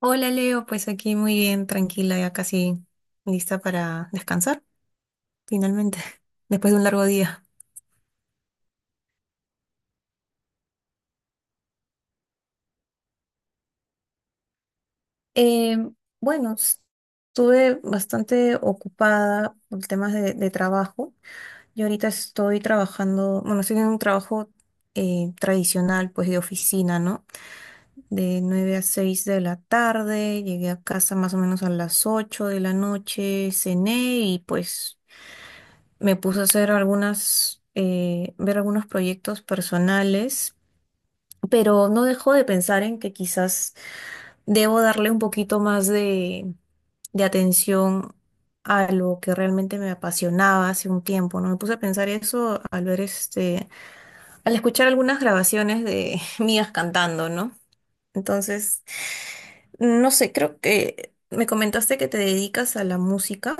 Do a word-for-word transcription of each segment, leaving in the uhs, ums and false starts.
Hola Leo, pues aquí muy bien, tranquila, ya casi lista para descansar, finalmente, después de un largo día. Eh, bueno, s- estuve bastante ocupada por temas de, de trabajo. Yo ahorita estoy trabajando, bueno, estoy en un trabajo eh, tradicional, pues de oficina, ¿no? De nueve a seis de la tarde, llegué a casa más o menos a las ocho de la noche, cené y pues me puse a hacer algunas, eh, ver algunos proyectos personales, pero no dejo de pensar en que quizás debo darle un poquito más de, de atención a lo que realmente me apasionaba hace un tiempo, ¿no? Me puse a pensar eso al ver este, al escuchar algunas grabaciones de mías cantando, ¿no? Entonces, no sé, creo que me comentaste que te dedicas a la música.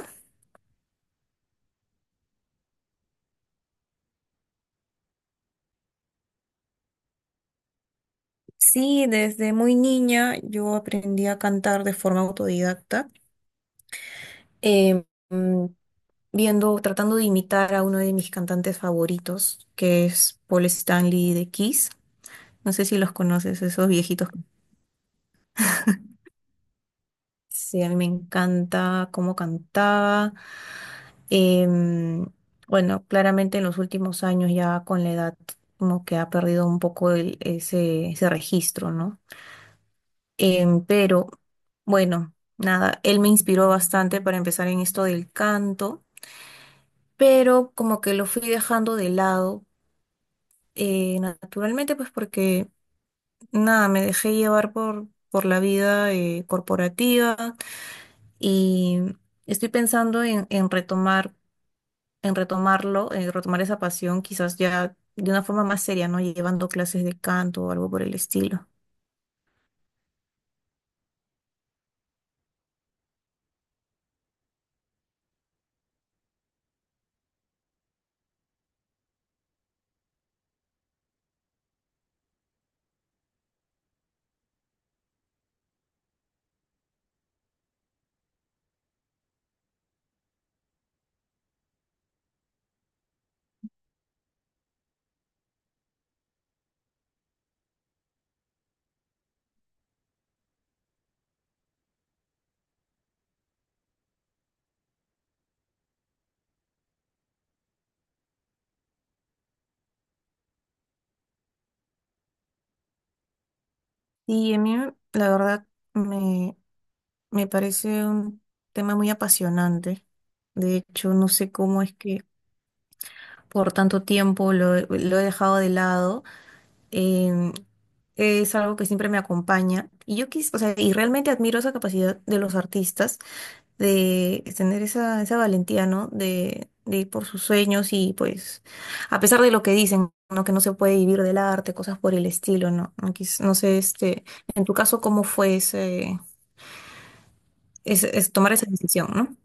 Sí, desde muy niña yo aprendí a cantar de forma autodidacta, eh, mm, viendo, tratando de imitar a uno de mis cantantes favoritos, que es Paul Stanley de Kiss. No sé si los conoces, esos viejitos. Sí, a mí me encanta cómo cantaba. Em, bueno, claramente en los últimos años ya con la edad como que ha perdido un poco el- ese, ese registro, ¿no? Em, pero bueno, nada, él me inspiró bastante para empezar en esto del canto, pero como que lo fui dejando de lado, eh, naturalmente, pues porque nada, me dejé llevar por, por la vida eh, corporativa y estoy pensando en, en retomar, en retomarlo, en retomar esa pasión, quizás ya de una forma más seria, ¿no? Llevando clases de canto o algo por el estilo. Y a mí, la verdad, Me parece un tema muy apasionante. De hecho, no sé cómo es que por tanto tiempo lo, he lo he dejado de lado. Em, es algo que siempre me acompaña. Y yo quis, o sea, y realmente admiro esa capacidad de los artistas de tener esa, esa valentía, ¿no? De, de ir por sus sueños y pues, a pesar de lo que dicen, ¿no? Que no se puede vivir del arte, cosas por el estilo, ¿no? No, quis- no sé, este, en tu caso, ¿cómo fue ese, ese- es tomar esa decisión? ¿No?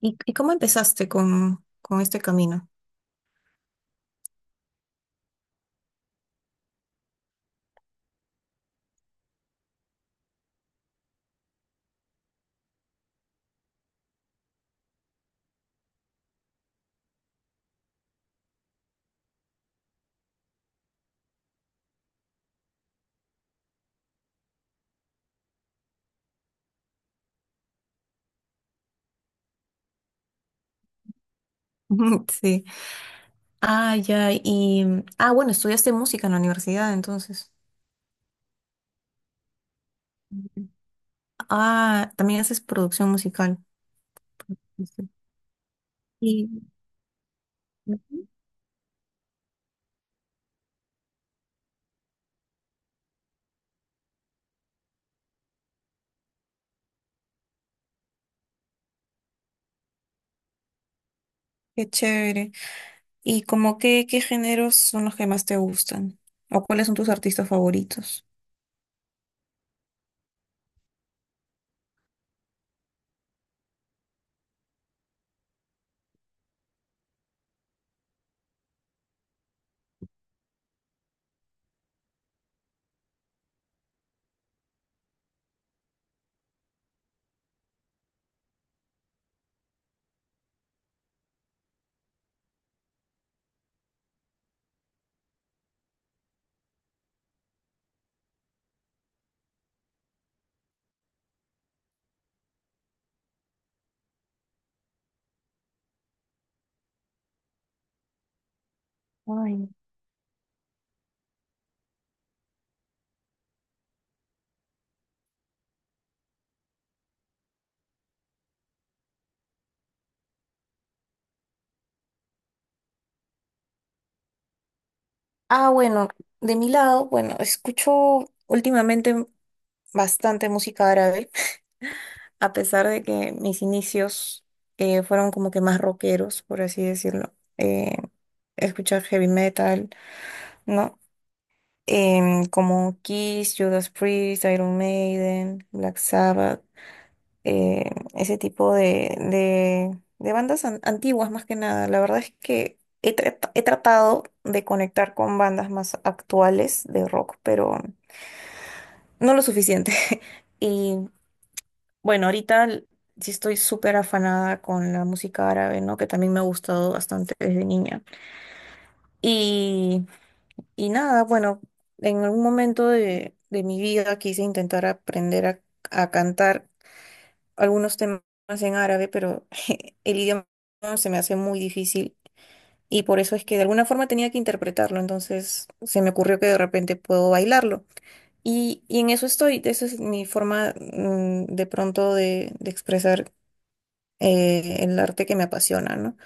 ¿Y, y cómo empezaste con, con este camino? Sí. Ah, ya. Y, ah, bueno, estudiaste música en la universidad, entonces. Ujú. Ah, también haces producción musical. Ujú. Y ujú. Qué chévere. ¿Y como qué, qué géneros son los que más te gustan? ¿O cuáles son tus artistas favoritos? Ay. Ah, bueno, de mi lado, bueno, escucho últimamente bastante música árabe. A pesar de que mis inicios eh, fueron como que más rockeros, por así decirlo, eh, escuchar heavy metal, ¿no? Em, como Kiss, Judas Priest, Iron Maiden, Black Sabbath, eh, ese tipo de, de- de bandas an- antiguas más que nada. La verdad es que he, trat- he tratado de conectar con bandas más actuales de rock, pero no lo suficiente. Y bueno, ahorita l- sí estoy súper afanada con la música árabe, ¿no? Que también me ha gustado bastante desde niña. Y, y nada, bueno, en algún momento de, de mi vida quise intentar aprender a, a cantar algunos temas en árabe, pero el idioma se me hace muy difícil. Y por eso es que de alguna forma tenía que interpretarlo, entonces se me ocurrió que de repente puedo bailarlo. Y, y en eso estoy, esa es mi forma mm, de pronto de, de expresar eh, en el arte que me apasiona, ¿no?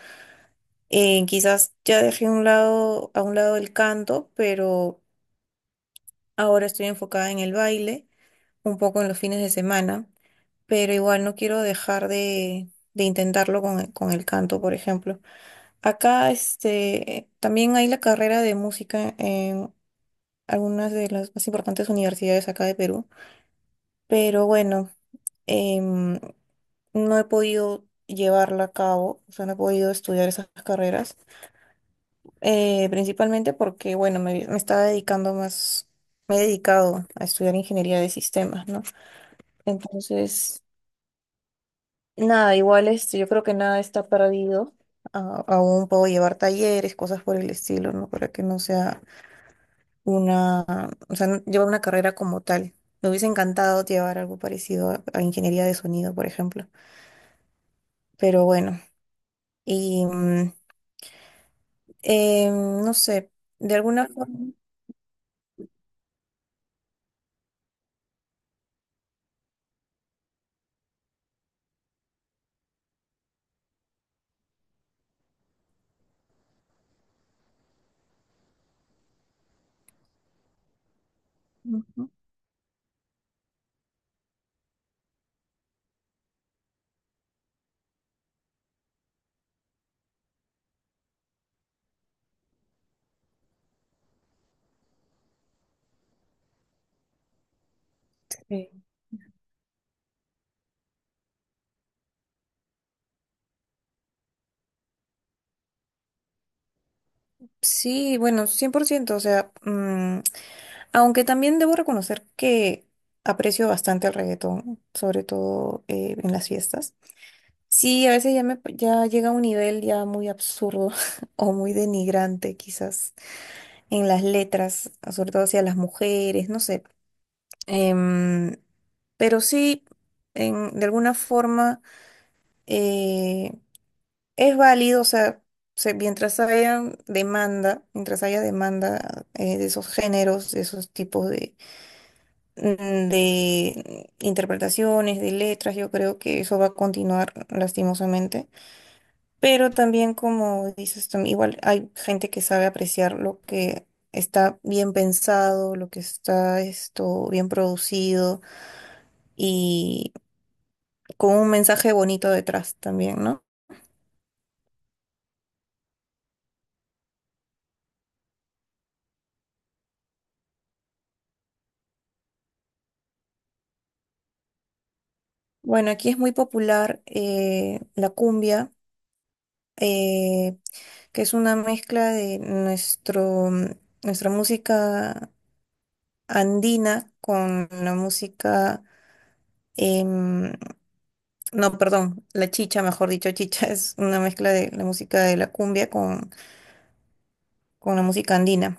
Eh, quizás ya dejé un lado, a un lado el canto, pero ahora estoy enfocada en el baile, un poco en los fines de semana, pero igual no quiero dejar de, de intentarlo con, con el canto, por ejemplo. Acá, este, también hay la carrera de música en algunas de las más importantes universidades acá de Perú, pero bueno em, no he podido llevarla a cabo, o sea, no he podido estudiar esas carreras. Eh, principalmente porque, bueno, me, me estaba dedicando más, me he dedicado a estudiar ingeniería de sistemas, ¿no? Entonces, nada, igual este, yo creo que nada está perdido. A- aún puedo llevar talleres, cosas por el estilo, ¿no? Para que no sea una, o sea, no- llevar una carrera como tal. Me hubiese encantado llevar algo parecido a, a ingeniería de sonido, por ejemplo. Pero bueno, y mm, em, no sé, de alguna forma. Ujú. Sí. Sí, bueno, cien por ciento. O sea, mm, aunque también debo reconocer que aprecio bastante el reggaetón, sobre todo eh, en las fiestas. Sí, a veces ya, me, ya llega a un nivel ya muy absurdo o muy denigrante quizás en las letras, sobre todo hacia las mujeres, no sé. Em, pero sí, en- de alguna forma. eh, Es válido, o sea, se- mientras haya demanda, mientras haya demanda eh, de esos géneros, de esos tipos de, mm, de interpretaciones, de letras, yo creo que eso va a continuar lastimosamente. Pero también, como dices, tam- igual hay gente que sabe apreciar lo que está bien pensado, lo que está esto bien producido y con un mensaje bonito detrás también, ¿no? Bueno, aquí es muy popular eh, la cumbia. eh, que es una mezcla de nuestro, mm, nuestra música andina con la música. em, no, perdón, la chicha, mejor dicho, chicha es una mezcla de la música de la cumbia con, con la música andina.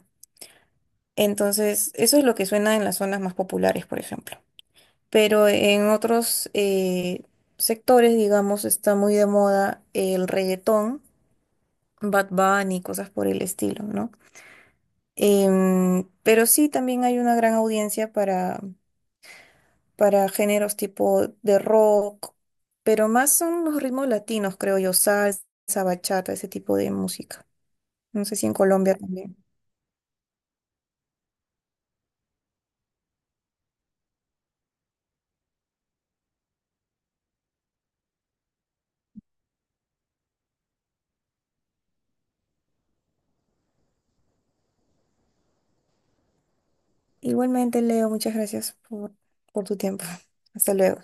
Entonces, eso es lo que suena en las zonas más populares, por ejemplo. Pero en otros eh, sectores, digamos, está muy de moda el reggaetón, Bad Bunny, cosas por el estilo, ¿no? Em, pero sí, también hay una gran audiencia para, para géneros tipo de rock, pero más son los ritmos latinos, creo yo, salsa, bachata, ese tipo de música. No sé si en Colombia también. Igualmente, Leo, muchas gracias por, por tu tiempo. Hasta luego.